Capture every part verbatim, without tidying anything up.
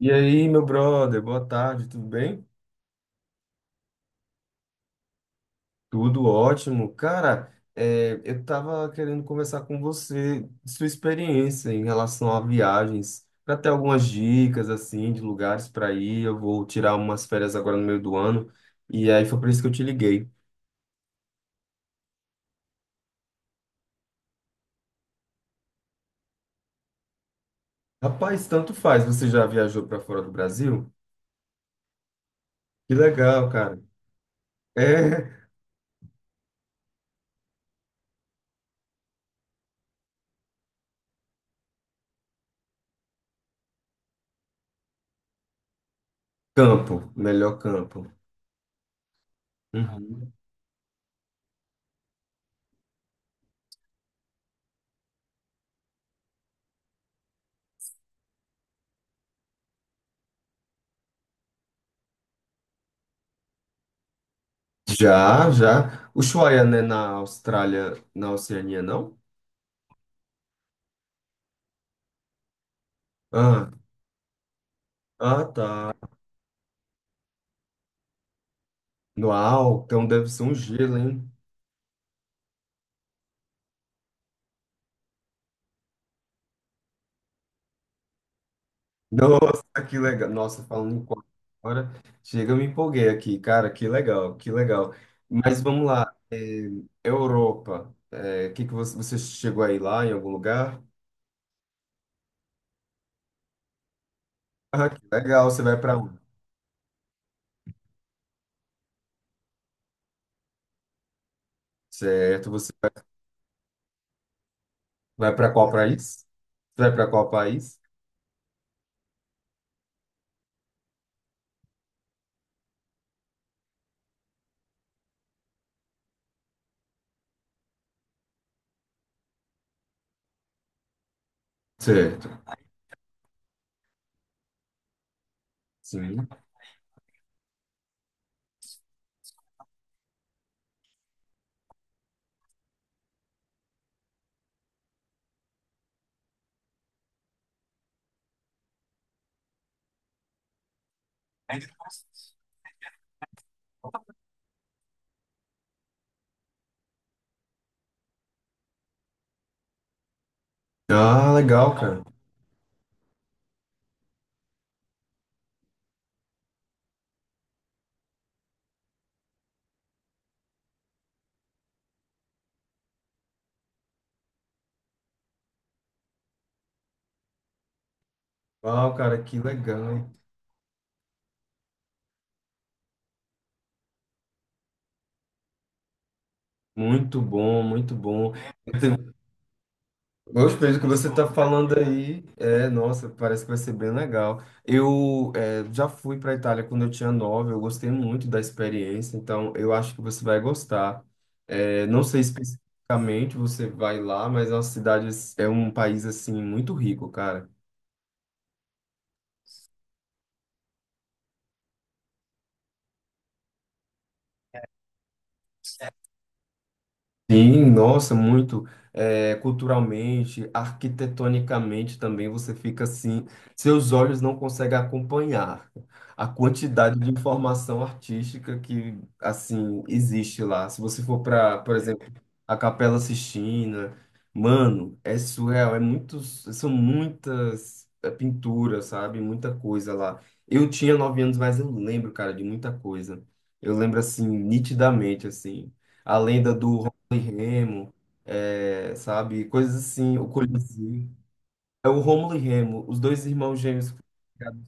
E aí, meu brother, boa tarde, tudo bem? Tudo ótimo. Cara, é, eu tava querendo conversar com você, sua experiência em relação a viagens, para ter algumas dicas, assim, de lugares para ir. Eu vou tirar umas férias agora no meio do ano, e aí foi por isso que eu te liguei. Rapaz, tanto faz, você já viajou para fora do Brasil? Que legal, cara. É campo, melhor campo. Uhum. Já, já. Ushuaia, né, na Austrália, na Oceania, não? Ah, tá. Uau, então deve ser um gelo, hein? Nossa, que legal. Nossa, falando em copo agora, chega, eu me empolguei aqui, cara, que legal, que legal. Mas vamos lá, é, Europa, é, que que você, você chegou aí lá em algum lugar? Ah, que legal, você vai para onde? Certo, você vai, vai para qual país? Você vai para qual país? Certo, sim. Ah, legal, cara. Uau, cara, que legal. Muito bom, muito bom. Hoje, pelo que você está falando aí, é, nossa, parece que vai ser bem legal. Eu é, já fui para a Itália quando eu tinha nove, eu gostei muito da experiência, então eu acho que você vai gostar. É, não sei especificamente você vai lá, mas é uma cidade, é um país assim muito rico, cara. Sim, nossa, muito. É, culturalmente, arquitetonicamente também você fica assim, seus olhos não conseguem acompanhar a quantidade de informação artística que assim existe lá. Se você for para, por exemplo, a Capela Sistina, mano, é surreal, é muitos, são muitas é, pinturas, sabe? Muita coisa lá. Eu tinha nove anos, mas eu lembro, cara, de muita coisa. Eu lembro assim nitidamente assim a lenda do e Remo, é, sabe? Coisas assim, o Coliseu. É o Rômulo e Remo, os dois irmãos gêmeos que foram criados,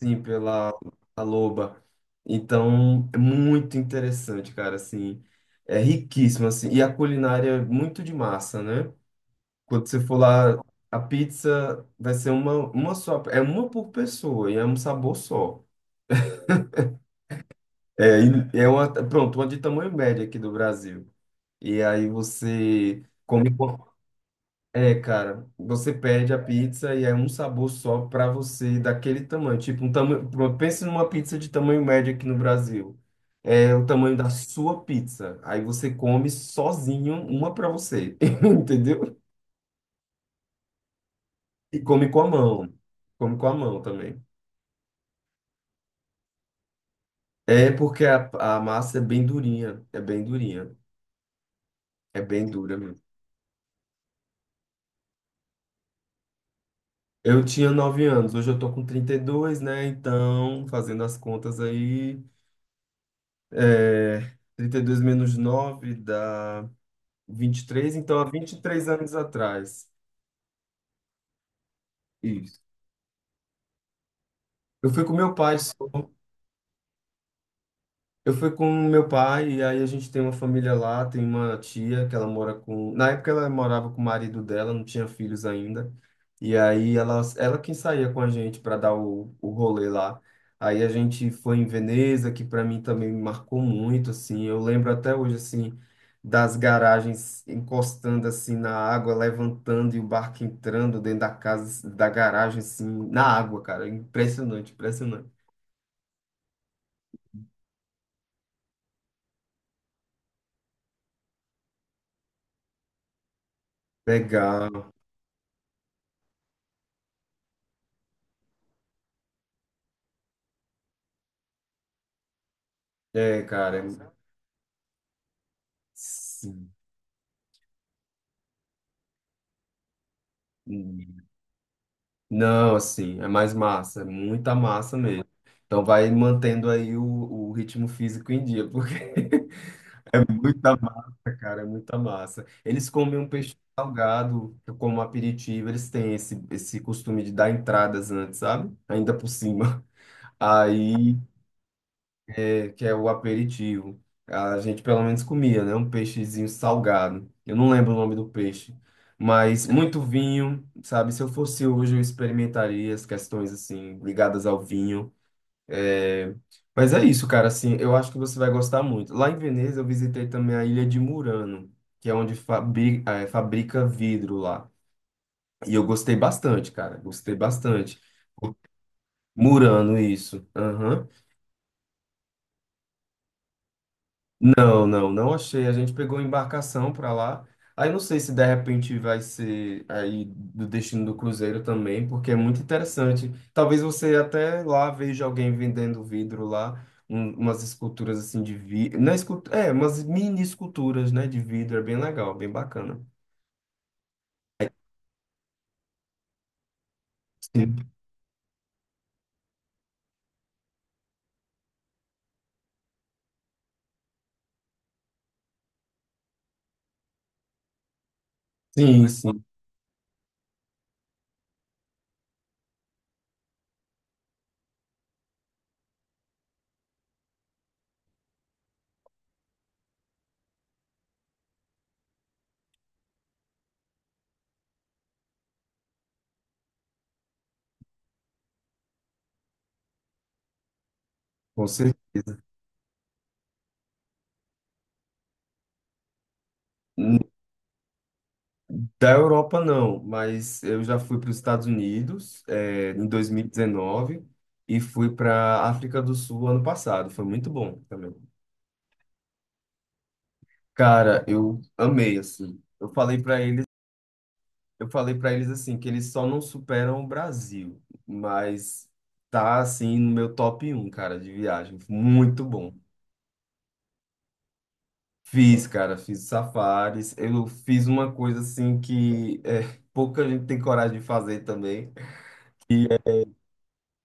assim, pela a Loba. Então, é muito interessante, cara, assim. É riquíssimo, assim. E a culinária é muito de massa, né? Quando você for lá, a pizza vai ser uma, uma só. É uma por pessoa e é um sabor só. É, e é uma, pronto, uma de tamanho médio aqui do Brasil. E aí você come. É, cara, você perde a pizza e é um sabor só pra você daquele tamanho. Tipo, um tamanho, pense numa pizza de tamanho médio aqui no Brasil. É o tamanho da sua pizza. Aí você come sozinho uma pra você, entendeu? E come com a mão. Come com a mão também. É porque a, a massa é bem durinha, é bem durinha, é bem dura mesmo. Eu tinha nove anos, hoje eu tô com trinta e dois, né? Então, fazendo as contas aí, é, trinta e dois menos nove dá vinte e três, então há vinte e três anos atrás. Isso. Eu fui com meu pai Eu fui com meu pai, e aí a gente tem uma família lá, tem uma tia que ela mora com. Na época ela morava com o marido dela, não tinha filhos ainda. E aí ela, ela quem saía com a gente para dar o, o rolê lá. Aí a gente foi em Veneza, que para mim também me marcou muito, assim. Eu lembro até hoje, assim, das garagens encostando, assim, na água, levantando e o barco entrando dentro da casa, da garagem, assim, na água, cara. Impressionante, impressionante. Legal. É, cara. é Sim. Hum. Não, assim, é mais massa, é muita massa mesmo. Então vai mantendo aí o, o ritmo físico em dia, porque é muita massa, cara, é muita massa. Eles comem um peixe salgado como aperitivo, eles têm esse, esse costume de dar entradas antes, sabe? Ainda por cima. Aí que é o aperitivo. A gente pelo menos comia, né? Um peixezinho salgado. Eu não lembro o nome do peixe, mas muito vinho, sabe? Se eu fosse hoje, eu experimentaria as questões assim ligadas ao vinho. É, Mas é isso, cara. Assim, eu acho que você vai gostar muito. Lá em Veneza, eu visitei também a Ilha de Murano, que é onde fabri- eh, fabrica vidro lá. E eu gostei bastante, cara. Gostei bastante. Murano, isso. Aham. Não, não, não achei. A gente pegou embarcação para lá. Aí não sei se de repente vai ser aí do destino do cruzeiro também, porque é muito interessante. Talvez você até lá veja alguém vendendo vidro lá, um- umas esculturas assim de vidro, não é, escultu- é, umas mini esculturas, né, de vidro, é bem legal, bem bacana. Sim, sim, sim, com certeza. Da Europa, não, mas eu já fui para os Estados Unidos, eh, em dois mil e dezenove e fui para África do Sul ano passado. Foi muito bom também. Cara, eu amei assim. Eu falei para eles, eu falei para eles assim que eles só não superam o Brasil, mas tá assim no meu top um, cara, de viagem. Muito bom. Fiz, cara, fiz safaris. Eu fiz uma coisa assim que eh, pouca gente tem coragem de fazer também.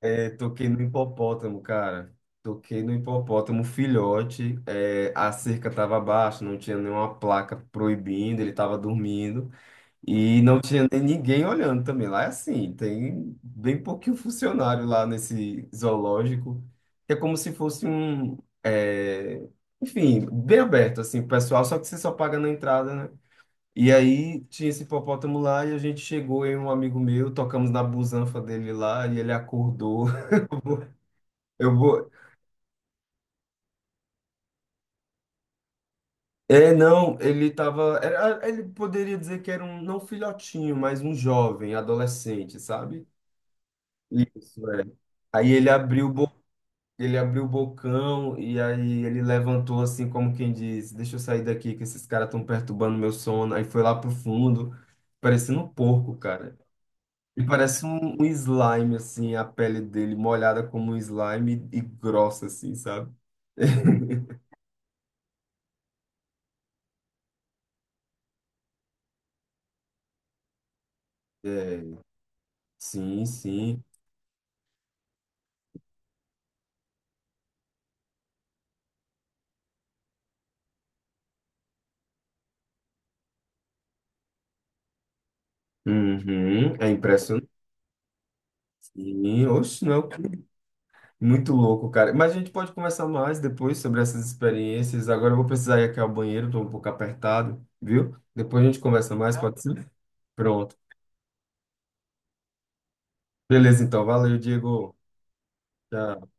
É, toquei no hipopótamo, cara. Toquei no hipopótamo filhote. É, a cerca estava baixa, não tinha nenhuma placa proibindo, ele estava dormindo. E não tinha nem ninguém olhando também. Lá é assim, tem bem pouquinho funcionário lá nesse zoológico. É como se fosse um. é, Enfim, bem aberto, assim, pro pessoal, só que você só paga na entrada, né? E aí tinha esse hipopótamo lá e a gente chegou, eu e um amigo meu, tocamos na busanfa dele lá e ele acordou. Eu vou. É, não, ele tava. era- ele poderia dizer que era um, não filhotinho, mas um jovem, adolescente, sabe? Isso, é. Aí ele abriu, o bo- ele abriu o bocão e aí ele levantou assim, como quem diz: Deixa eu sair daqui que esses caras estão perturbando meu sono. Aí foi lá pro fundo, parecendo um porco, cara. E parece um, um slime, assim, a pele dele molhada como um slime e grossa, assim, sabe? É, sim, sim. Uhum, é impressionante. Sim, oxe, não. Muito louco, cara. Mas a gente pode conversar mais depois sobre essas experiências. Agora eu vou precisar ir aqui ao banheiro, tô um pouco apertado, viu? Depois a gente conversa mais, pode ser? Pronto. Beleza, então. Valeu, Diego. Tchau.